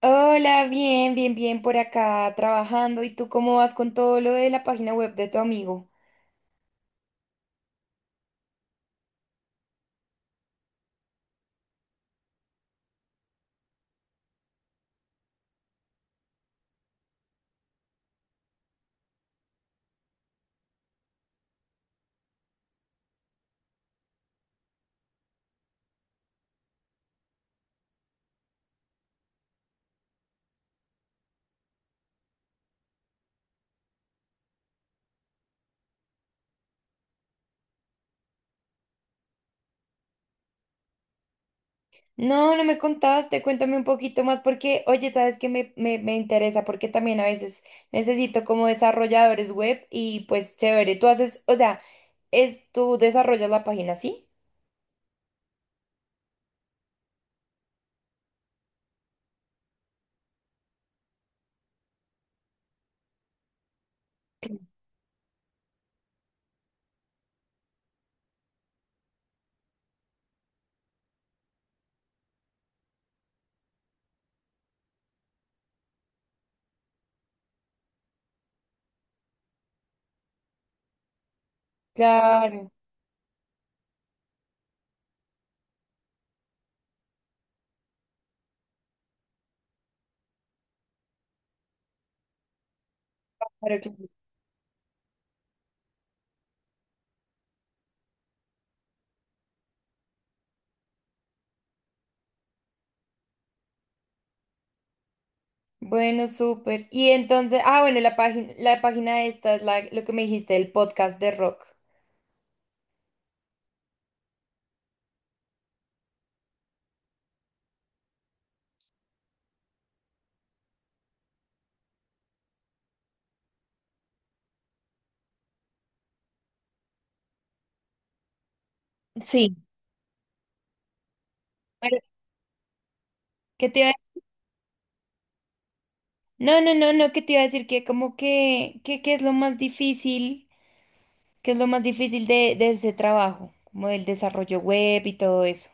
Hola, bien, bien, bien por acá trabajando. ¿Y tú cómo vas con todo lo de la página web de tu amigo? No, no me contaste, cuéntame un poquito más porque, oye, sabes que me interesa porque también a veces necesito como desarrolladores web y pues chévere, tú haces, o sea, es tú desarrollas la página, ¿sí? Claro, claro, claro. Bueno, súper. Y entonces, ah, bueno, la página esta es la, lo que me dijiste, el podcast de rock. Sí. Bueno, ¿qué te iba a No, no, no, no, que te iba a decir que como que, que es lo más difícil, que es lo más difícil de ese trabajo, como el desarrollo web y todo eso.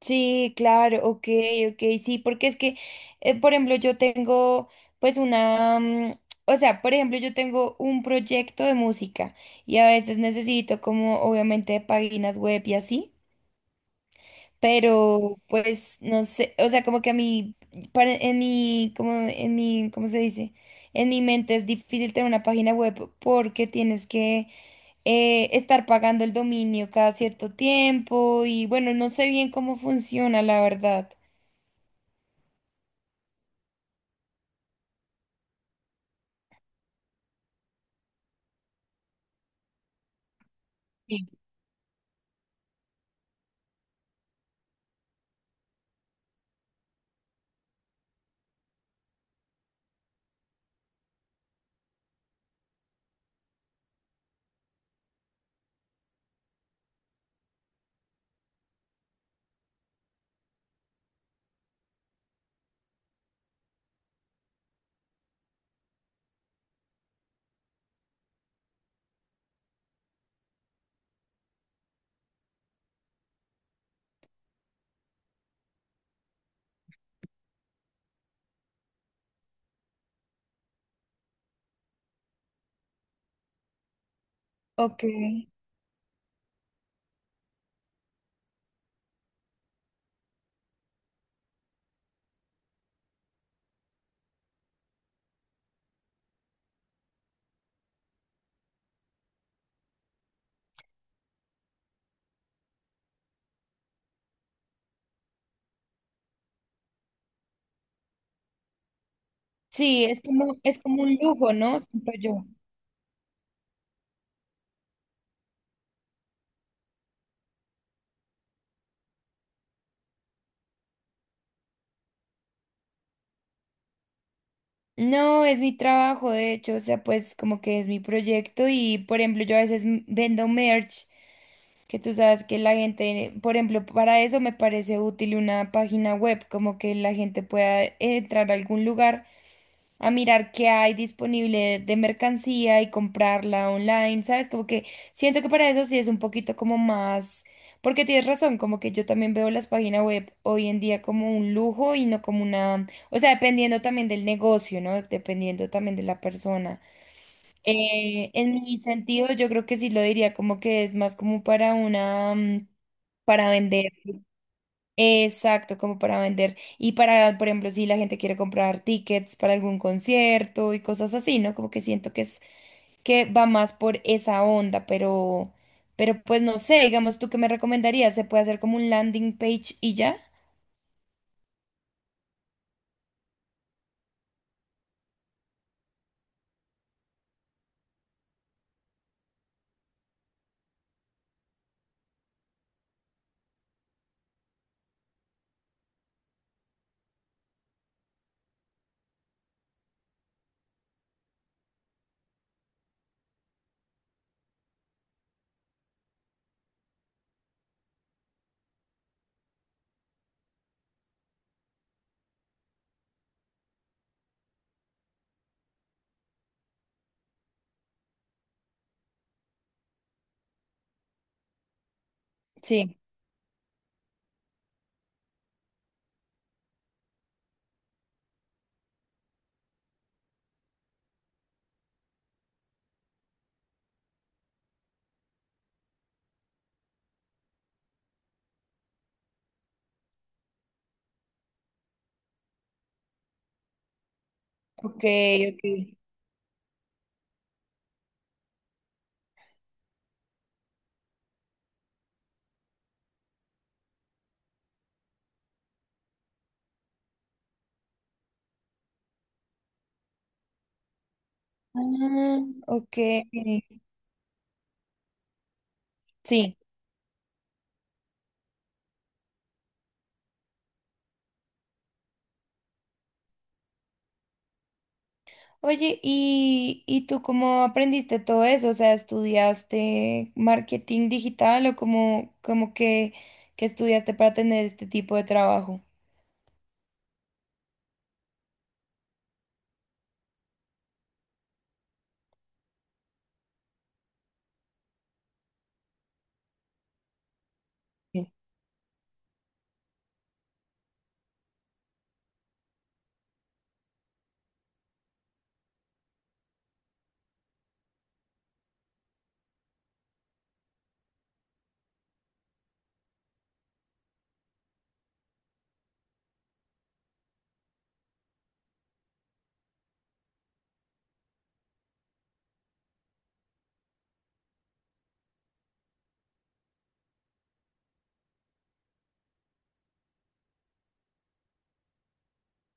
Sí, claro, ok, ok, sí, porque es que, por ejemplo, yo tengo pues una, o sea, por ejemplo, yo tengo un proyecto de música y a veces necesito como obviamente páginas web y así. Pero pues no sé, o sea, como que a mí, para- en mi, como en mi, ¿cómo se dice? En mi mente es difícil tener una página web porque tienes que estar pagando el dominio cada cierto tiempo y bueno, no sé bien cómo funciona, la verdad. Ok. Sí, es como un lujo, ¿no? Siento yo. No, es mi trabajo, de hecho, o sea, pues como que es mi proyecto y, por ejemplo, yo a veces m- vendo merch que tú sabes que la gente, por ejemplo, para eso me parece útil una página web, como que la gente pueda entrar a algún lugar a mirar qué hay disponible de mercancía y comprarla online, ¿sabes? Como que siento que para eso sí es un poquito como más, porque tienes razón, como que yo también veo las páginas web hoy en día como un lujo y no como una, o sea, dependiendo también del negocio, ¿no? Dependiendo también de la persona. En mi sentido, yo creo que sí lo diría como que es más como para una, para vender. Exacto, como para vender. Y para, por ejemplo, si la gente quiere comprar tickets para algún concierto y cosas así, ¿no? Como que siento que es, que va más por esa onda, pero pues no sé, digamos, ¿tú qué me recomendarías? ¿Se puede hacer como un landing page y ya? Sí. Ok, ok. Ah, ok. Sí. Oye, y tú cómo aprendiste todo eso? O sea, ¿estudiaste marketing digital o cómo, cómo que estudiaste para tener este tipo de trabajo?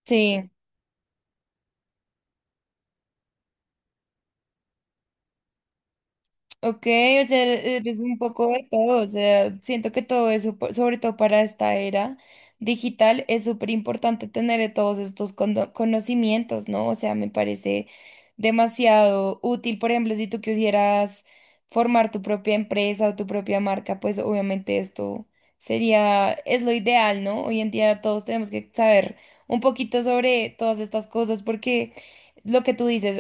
Sí. Ok, o sea, e-, eres un poco de todo, o sea, siento que todo eso, po- sobre todo para esta era digital, es súper importante tener todos estos cono- conocimientos, ¿no? O sea, me parece demasiado útil, por ejemplo, si tú quisieras formar tu propia empresa o tu propia marca, pues obviamente esto sería, es lo ideal, ¿no? Hoy en día todos tenemos que saber un poquito sobre todas estas cosas porque lo que tú dices,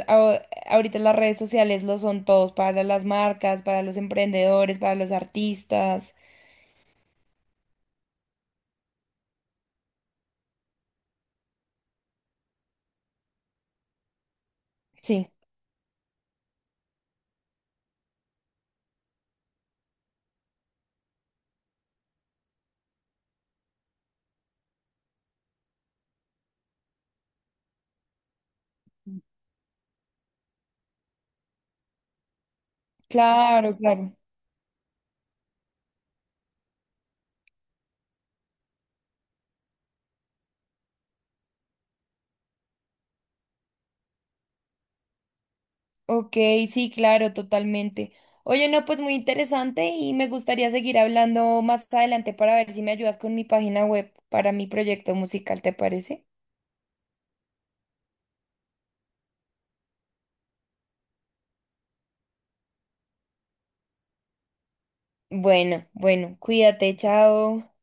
ahorita las redes sociales lo son todos para las marcas, para los emprendedores, para los artistas. Sí, claro, claro. Ok, sí, claro, totalmente. Oye, no, pues muy interesante y me gustaría seguir hablando más adelante para ver si me ayudas con mi página web para mi proyecto musical, ¿te parece? Bueno, bueno, cuídate, chao.